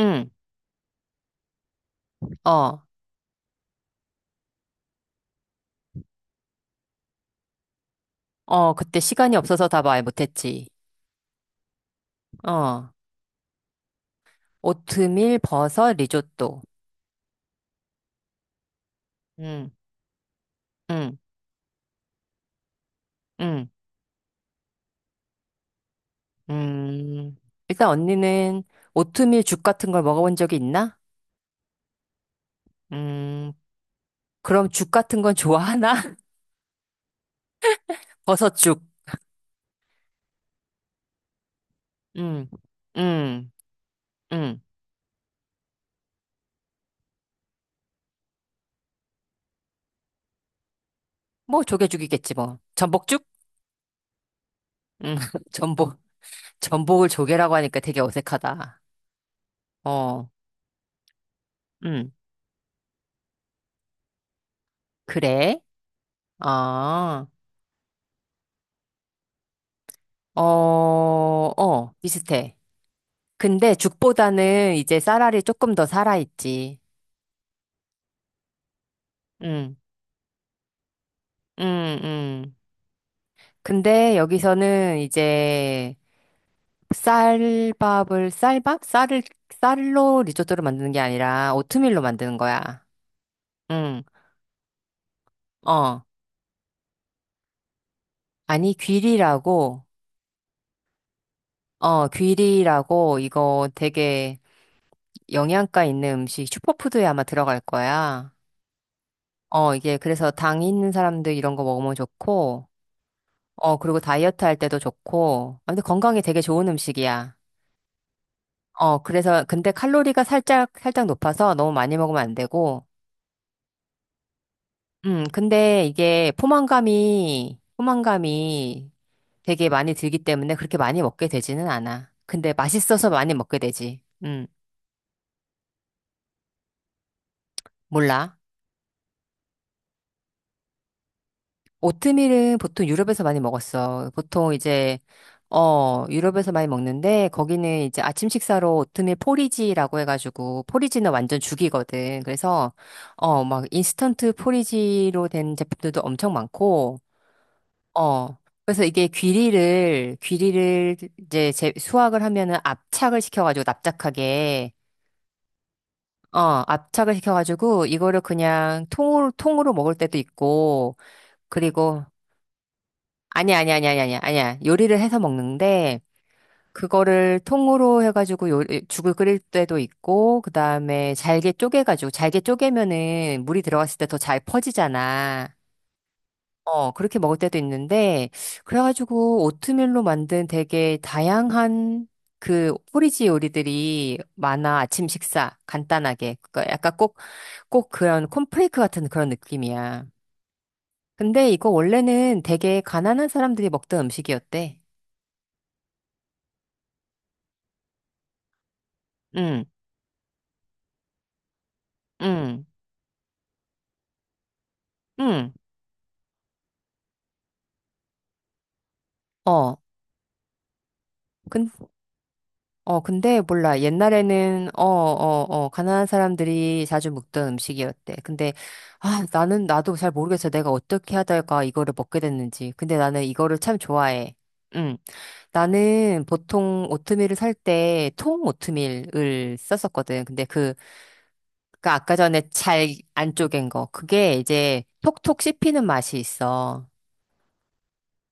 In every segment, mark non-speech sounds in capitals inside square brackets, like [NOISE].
응, 어, 그때 시간이 없어서 다 말 못했지. 어, 오트밀, 버섯, 리조또. 응, 응, 응, 음. 일단 언니는 오트밀 죽 같은 걸 먹어본 적이 있나? 음, 그럼 죽 같은 건 좋아하나? [LAUGHS] 버섯죽. 응, 응, 응. 뭐 조개죽이겠지 뭐. 전복죽? 응, [LAUGHS] 전복. 전복을 조개라고 하니까 되게 어색하다. 어, 응, 그래? 아. 비슷해. 근데 죽보다는 이제 쌀알이 조금 더 살아있지. 응, 응, 응. 근데 여기서는 이제 쌀밥을, 쌀밥? 쌀을, 쌀로 리조또를 만드는 게 아니라 오트밀로 만드는 거야. 응, 어. 아니, 귀리라고, 어, 귀리라고 이거 되게 영양가 있는 음식, 슈퍼푸드에 아마 들어갈 거야. 어, 이게 그래서 당 있는 사람들 이런 거 먹으면 좋고, 어, 그리고 다이어트 할 때도 좋고. 아, 근데 건강에 되게 좋은 음식이야. 그래서, 근데 칼로리가 살짝 높아서 너무 많이 먹으면 안 되고. 근데 이게 포만감이 되게 많이 들기 때문에 그렇게 많이 먹게 되지는 않아. 근데 맛있어서 많이 먹게 되지. 몰라. 오트밀은 보통 유럽에서 많이 먹었어. 보통 이제, 어, 유럽에서 많이 먹는데, 거기는 이제 아침 식사로 오트밀 포리지라고 해가지고, 포리지는 완전 죽이거든. 그래서, 어, 막 인스턴트 포리지로 된 제품들도 엄청 많고, 어, 그래서 이게 귀리를 이제 제, 수확을 하면은 압착을 시켜가지고, 납작하게, 어, 압착을 시켜가지고, 이거를 그냥 통으로 먹을 때도 있고, 그리고, 아니야. 요리를 해서 먹는데, 그거를 통으로 해가지고 요, 죽을 끓일 때도 있고, 그 다음에 잘게 쪼개가지고, 잘게 쪼개면은 물이 들어갔을 때 더 잘 퍼지잖아. 어, 그렇게 먹을 때도 있는데, 그래가지고 오트밀로 만든 되게 다양한 그 포리지 요리들이 많아. 아침 식사, 간단하게. 꼭 그런 콘프레이크 같은 그런 느낌이야. 근데 이거 원래는 되게 가난한 사람들이 먹던 음식이었대. 응. 응, 응, 어. 근, 근데 몰라. 옛날에는, 가난한 사람들이 자주 먹던 음식이었대. 근데, 나도 잘 모르겠어. 내가 어떻게 하다가 이거를 먹게 됐는지. 근데 나는 이거를 참 좋아해. 응. 나는 보통 오트밀을 살 때 통 오트밀을 썼었거든. 그 아까 전에 잘 안 쪼갠 거. 그게 이제 톡톡 씹히는 맛이 있어.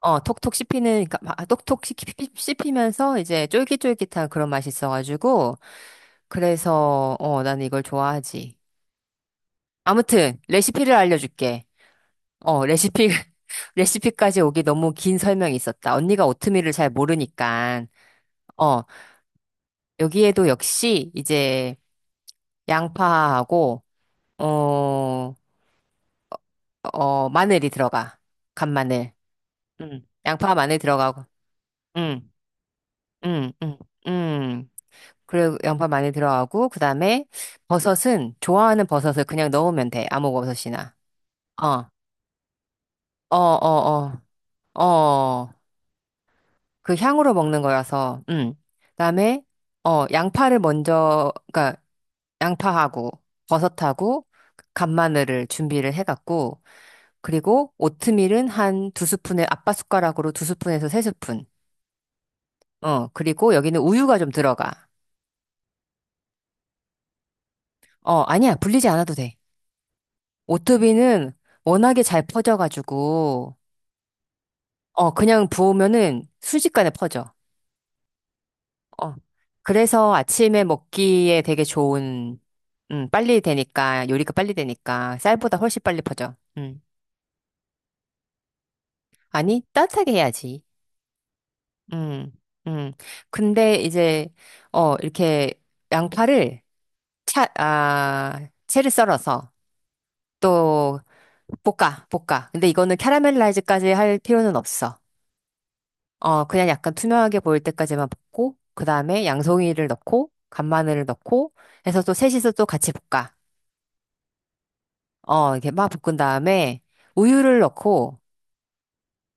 어, 톡톡 씹히는, 그러니까 막 아, 씹히면서 이제 쫄깃쫄깃한 그런 맛이 있어가지고, 그래서, 어, 나는 이걸 좋아하지. 아무튼, 레시피를 알려줄게. 어, 레시피, [LAUGHS] 레시피까지 오기 너무 긴 설명이 있었다. 언니가 오트밀을 잘 모르니까, 어, 여기에도 역시 이제 양파하고, 어, 마늘이 들어가. 간마늘. 양파, 마늘 들어가고, 응, 응, 응, 응. 그리고 양파 많이 들어가고, 그 다음에 버섯은 좋아하는 버섯을 그냥 넣으면 돼. 아무 버섯이나. 어, 어, 어, 어. 그 향으로 먹는 거여서, 그다음에, 어, 양파하고, 버섯하고, 간마늘을 준비를 해갖고, 그리고 오트밀은 한 두 스푼에, 아빠 숟가락으로 두 스푼에서 세 스푼. 어, 그리고 여기는 우유가 좀 들어가. 어, 아니야. 불리지 않아도 돼. 오토비는 워낙에 잘 퍼져가지고, 어, 그냥 부으면은 순식간에 퍼져. 어. 그래서 아침에 먹기에 되게 좋은, 요리가 빨리 되니까, 쌀보다 훨씬 빨리 퍼져. 음. 아니, 따뜻하게 해야지. 음, 음. 근데 이제, 어, 이렇게 양파를 채를 썰어서 또 볶아. 근데 이거는 캐러멜라이즈까지 할 필요는 없어. 어, 그냥 약간 투명하게 보일 때까지만 볶고, 그 다음에 양송이를 넣고, 간마늘을 넣고, 해서 또 셋이서 또 같이 볶아. 어, 이렇게 막 볶은 다음에, 우유를 넣고,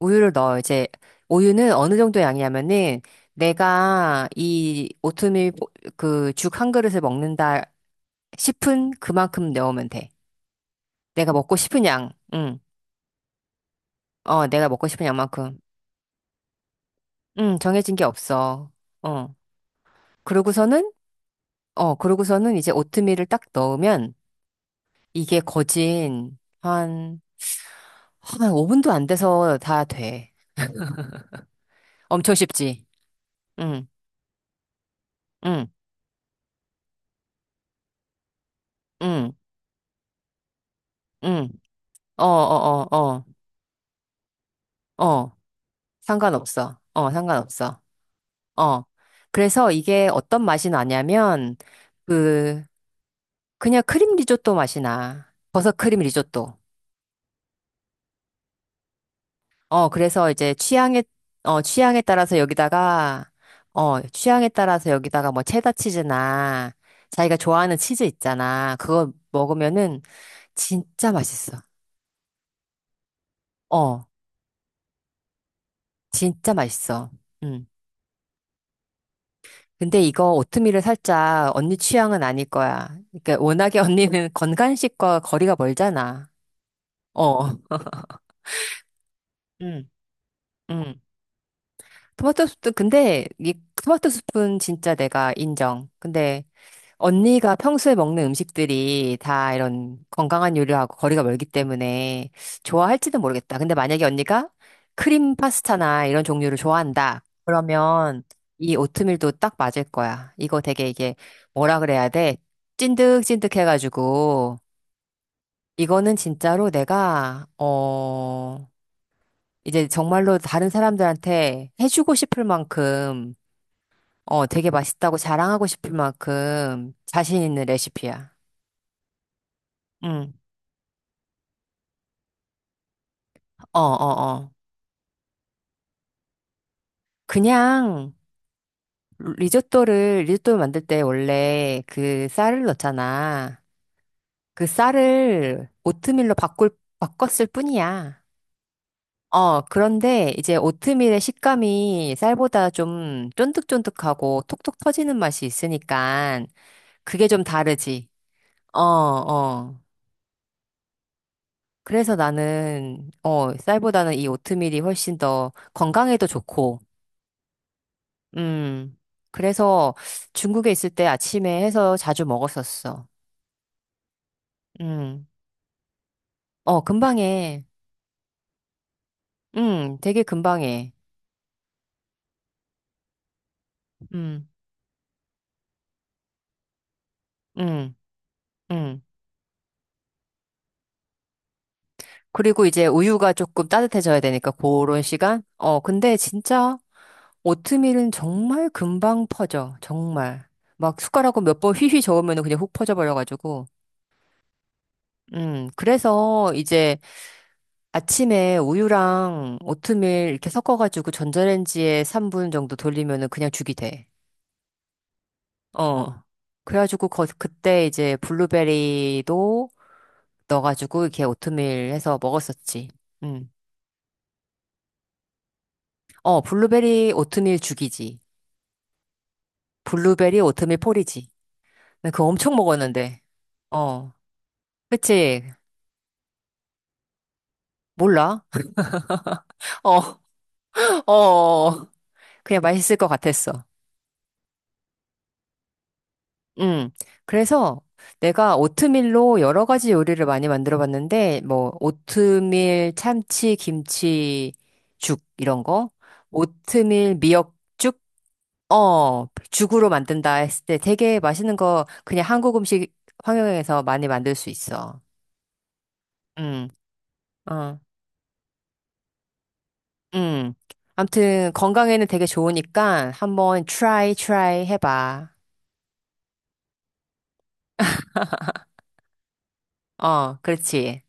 우유를 넣어. 이제, 우유는 어느 정도 양이냐면은, 내가 이 오트밀 그 죽 한 그릇을 먹는다 싶은 그만큼 넣으면 돼. 내가 먹고 싶은 양, 응. 어, 내가 먹고 싶은 양만큼. 응, 정해진 게 없어. 어. 그러고서는, 어, 그러고서는 이제 오트밀을 딱 넣으면, 이게 거진 한, 한 5분도 안 돼서 다 돼. 엄청 쉽지? 응, 응, 응, 응. 어, 어, 어, 어. 상관없어. 어, 상관없어. 어. 그래서 이게 어떤 맛이 나냐면, 그, 그냥 크림 리조또 맛이 나. 버섯 크림 리조또. 어, 그래서 이제 취향에, 어, 취향에 따라서 여기다가, 어, 취향에 따라서 여기다가 뭐 체다 치즈나, 자기가 좋아하는 치즈 있잖아. 그거 먹으면은 진짜 맛있어. 어, 진짜 맛있어. 음. 근데 이거 오트밀을 살짝 언니 취향은 아닐 거야. 그러니까 워낙에 언니는 [LAUGHS] 건강식과 거리가 멀잖아. 어. 음, 음. 토마토 수프, 근데 이 토마토 수프는 진짜 내가 인정. 근데 언니가 평소에 먹는 음식들이 다 이런 건강한 요리하고 거리가 멀기 때문에 좋아할지는 모르겠다. 근데 만약에 언니가 크림 파스타나 이런 종류를 좋아한다. 그러면 이 오트밀도 딱 맞을 거야. 이거 되게 이게 뭐라 그래야 돼? 찐득찐득 해가지고 이거는 진짜로 내가 어 이제 정말로 다른 사람들한테 해주고 싶을 만큼 어 되게 맛있다고 자랑하고 싶을 만큼 자신 있는 레시피야. 응. 어. 그냥 리조또 만들 때 원래 그 쌀을 넣잖아. 그 쌀을 바꿨을 뿐이야. 어, 그런데 이제 오트밀의 식감이 쌀보다 좀 쫀득쫀득하고 톡톡 터지는 맛이 있으니까 그게 좀 다르지. 어, 어. 그래서 나는, 어, 쌀보다는 이 오트밀이 훨씬 더 건강에도 좋고, 음. 그래서 중국에 있을 때 아침에 해서 자주 먹었었어. 음. 어, 금방 해. 되게 금방 해. 음, 음, 음. 그리고 이제 우유가 조금 따뜻해져야 되니까 그런 시간? 어, 근데 진짜 오트밀은 정말 금방 퍼져. 정말. 막 숟가락으로 몇 번 휘휘 저으면 그냥 훅 퍼져버려가지고. 그래서 이제 아침에 우유랑 오트밀 이렇게 섞어가지고 전자레인지에 3분 정도 돌리면은 그냥 죽이 돼. 어. 그래가지고 거, 그때 이제 블루베리도 넣어가지고 이렇게 오트밀 해서 먹었었지. 응. 어, 블루베리 오트밀 죽이지. 블루베리 오트밀 폴이지. 나 그거 엄청 먹었는데. 어. 그치? 몰라? [LAUGHS] 어, 어. 그냥 맛있을 것 같았어. 음. 그래서 내가 오트밀로 여러 가지 요리를 많이 만들어 봤는데, 뭐, 오트밀, 참치, 김치, 죽, 이런 거. 오트밀, 미역죽? 어, 죽으로 만든다 했을 때 되게 맛있는 거 그냥 한국 음식 환경에서 많이 만들 수 있어. 음, 어, 음. 아무튼 건강에는 되게 좋으니까 한번 try 해봐. 어, 그렇지.